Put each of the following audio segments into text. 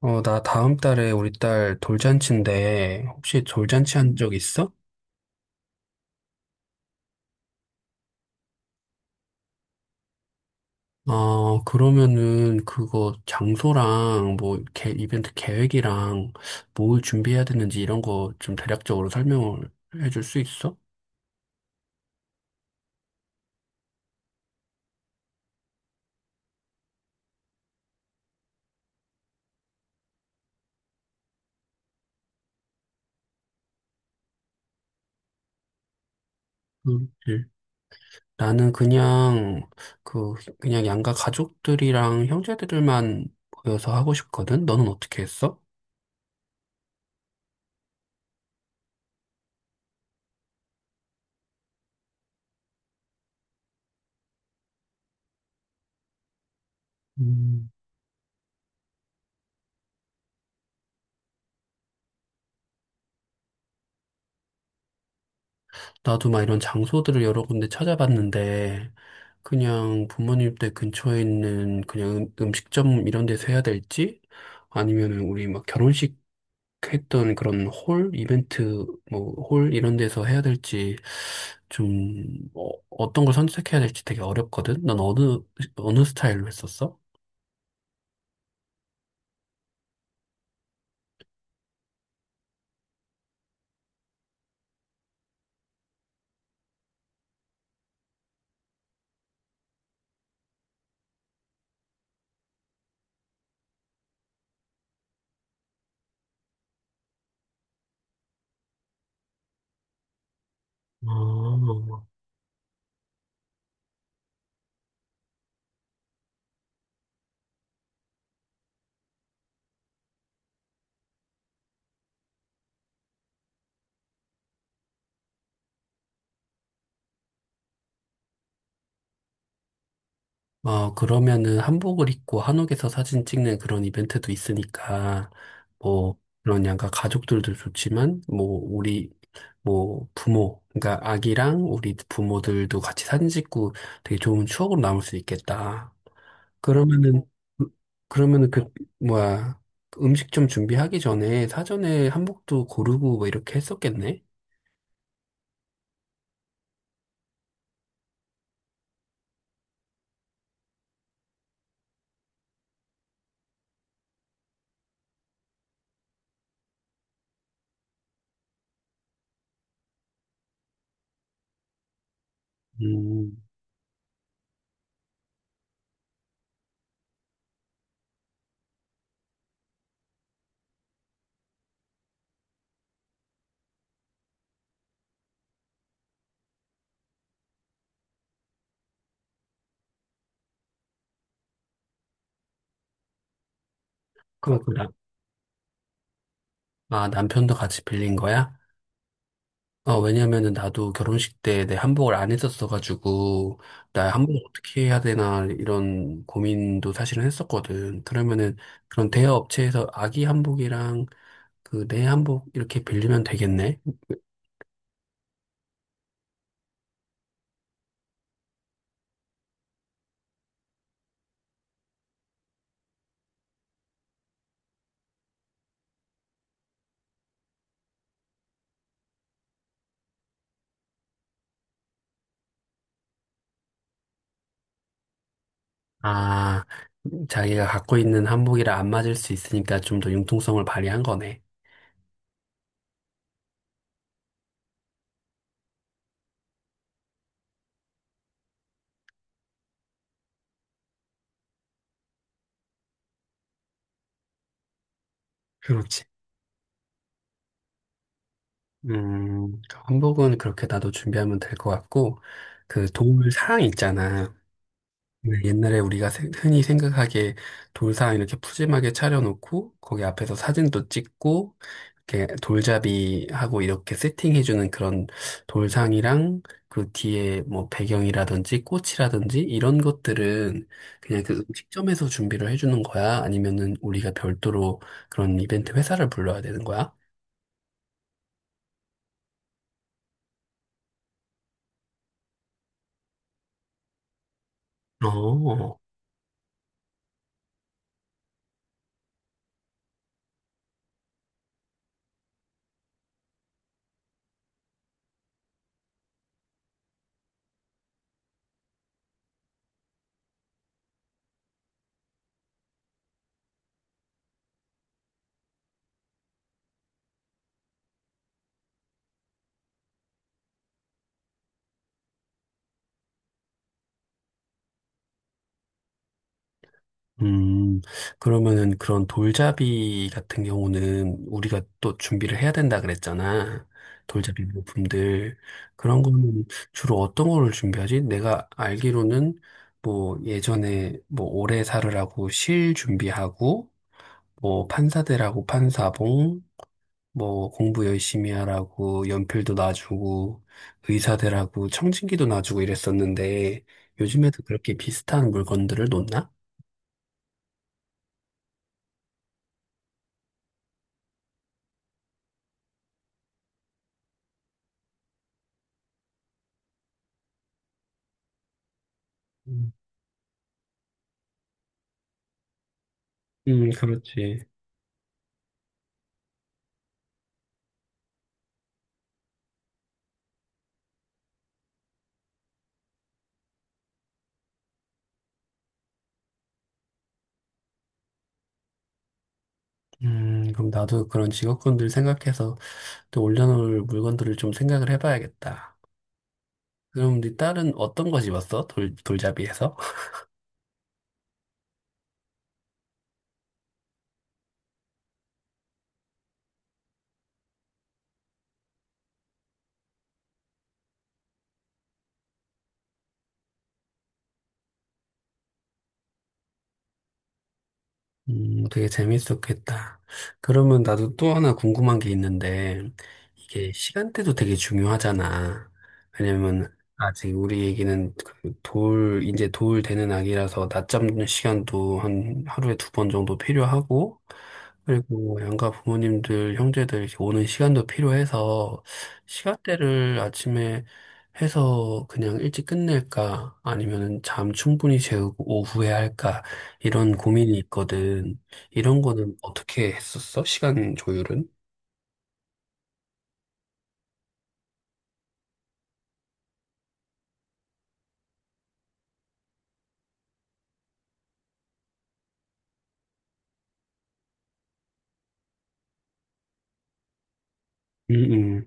나 다음 달에 우리 딸 돌잔치인데, 혹시 돌잔치 한 적 있어? 그러면은 그거 장소랑 뭐, 이벤트 계획이랑 뭘 준비해야 되는지 이런 거 좀 대략적으로 설명을 해줄 수 있어? 응. 응. 나는 그, 그냥 양가 가족들이랑 형제들만 모여서 하고 싶거든? 너는 어떻게 했어? 음. 나도 막 이런 장소들을 여러 군데 찾아봤는데, 그냥 부모님 댁 근처에 있는 그냥 음식점 이런 데서 해야 될지, 아니면은 우리 막 결혼식 했던 그런 홀, 이벤트, 뭐, 홀 이런 데서 해야 될지, 좀, 어떤 걸 선택해야 될지 되게 어렵거든? 넌 어느 스타일로 했었어? 아, 그러면은 한복을 입고 한옥에서 사진 찍는 그런 이벤트도 있으니까, 뭐, 그런 양가 가족들도 좋지만, 뭐, 우리, 뭐, 그러니까 아기랑 우리 부모들도 같이 사진 찍고 되게 좋은 추억으로 남을 수 있겠다. 그러면은, 그러면은 뭐야, 그 음식 좀 준비하기 전에 사전에 한복도 고르고 뭐 이렇게 했었겠네? 음, 그럼 아, 남편도 같이 빌린 거야? 왜냐면은 나도 결혼식 때 내 한복을 안 했었어가지고, 나 한복 어떻게 해야 되나 이런 고민도 사실은 했었거든. 그러면은 그런 대여 업체에서 아기 한복이랑 그 내 한복 이렇게 빌리면 되겠네? 아, 자기가 갖고 있는 한복이랑 안 맞을 수 있으니까 좀 더 융통성을 발휘한 거네. 그렇지. 그 한복은 그렇게 나도 준비하면 될 것 같고, 그 도울 사랑 있잖아. 네, 옛날에 우리가 흔히 생각하기에 돌상 이렇게 푸짐하게 차려놓고 거기 앞에서 사진도 찍고 이렇게 돌잡이하고 이렇게 세팅해주는 그런 돌상이랑 그 뒤에 뭐 배경이라든지 꽃이라든지 이런 것들은 그냥 그 음식점에서 준비를 해주는 거야? 아니면은 우리가 별도로 그런 이벤트 회사를 불러야 되는 거야? 어, 음, 그러면은 그런 돌잡이 같은 경우는 우리가 또 준비를 해야 된다 그랬잖아. 돌잡이 물품들. 그런 거는 주로 어떤 거를 준비하지? 내가 알기로는 뭐 예전에 뭐 오래사르라고 실 준비하고, 뭐 판사대라고 판사봉, 뭐 공부 열심히 하라고 연필도 놔주고, 의사대라고 청진기도 놔주고 이랬었는데, 요즘에도 그렇게 비슷한 물건들을 놓나? 음, 그렇지. 그럼 나도 그런 직업군들 생각해서 또 올려놓을 물건들을 좀 생각을 해봐야겠다. 그럼 네 딸은 어떤 거 집었어? 돌잡이에서? 되게 재밌었겠다. 그러면 나도 또 하나 궁금한 게 있는데, 이게 시간대도 되게 중요하잖아. 왜냐면, 아직 우리 얘기는 이제 돌 되는 아기라서 낮잠 시간도 한 하루에 2번 정도 필요하고, 그리고 양가 부모님들, 형제들 이렇게 오는 시간도 필요해서, 시간대를 아침에 해서 그냥 일찍 끝낼까? 아니면 잠 충분히 재우고 오후에 할까? 이런 고민이 있거든. 이런 거는 어떻게 했었어? 시간 조율은? 음,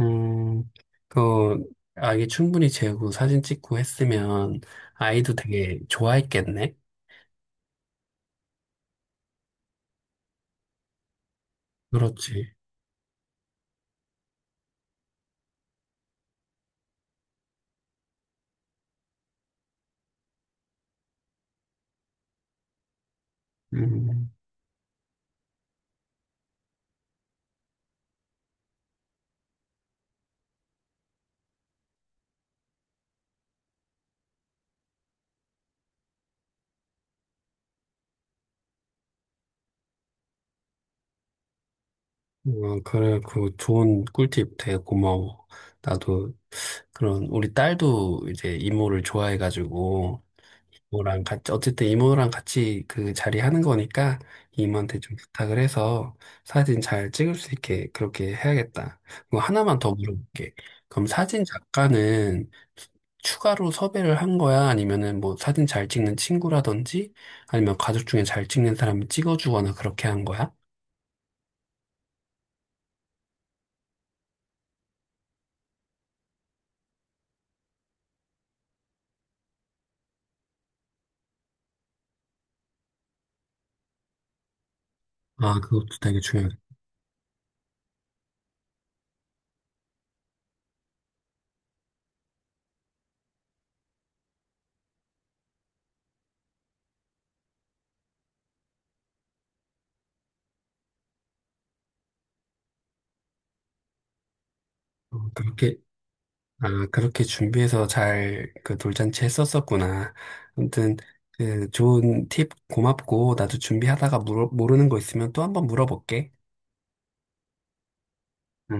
음, 음, 그, 아, 이 충분히 재우고 사진 찍고 했으면 아이도 되게 좋아했겠네? 그렇지. 음, 그래, 그 좋은 꿀팁 되게 고마워. 나도 우리 딸도 이제 이모를 좋아해가지고, 이모랑 같이 어쨌든 이모랑 같이 그 자리 하는 거니까 이모한테 좀 부탁을 해서 사진 잘 찍을 수 있게 그렇게 해야겠다. 그거 하나만 더 물어볼게. 그럼 사진 작가는 추가로 섭외를 한 거야? 아니면은 뭐 사진 잘 찍는 친구라든지 아니면 가족 중에 잘 찍는 사람이 찍어주거나 그렇게 한 거야? 아, 그것도 되게 중요해. 어, 그렇게 아, 그렇게 준비해서 잘 그 돌잔치 했었었구나. 아무튼 그 좋은 팁 고맙고 나도 준비하다가 모르는 거 있으면 또 한번 물어볼게. 응?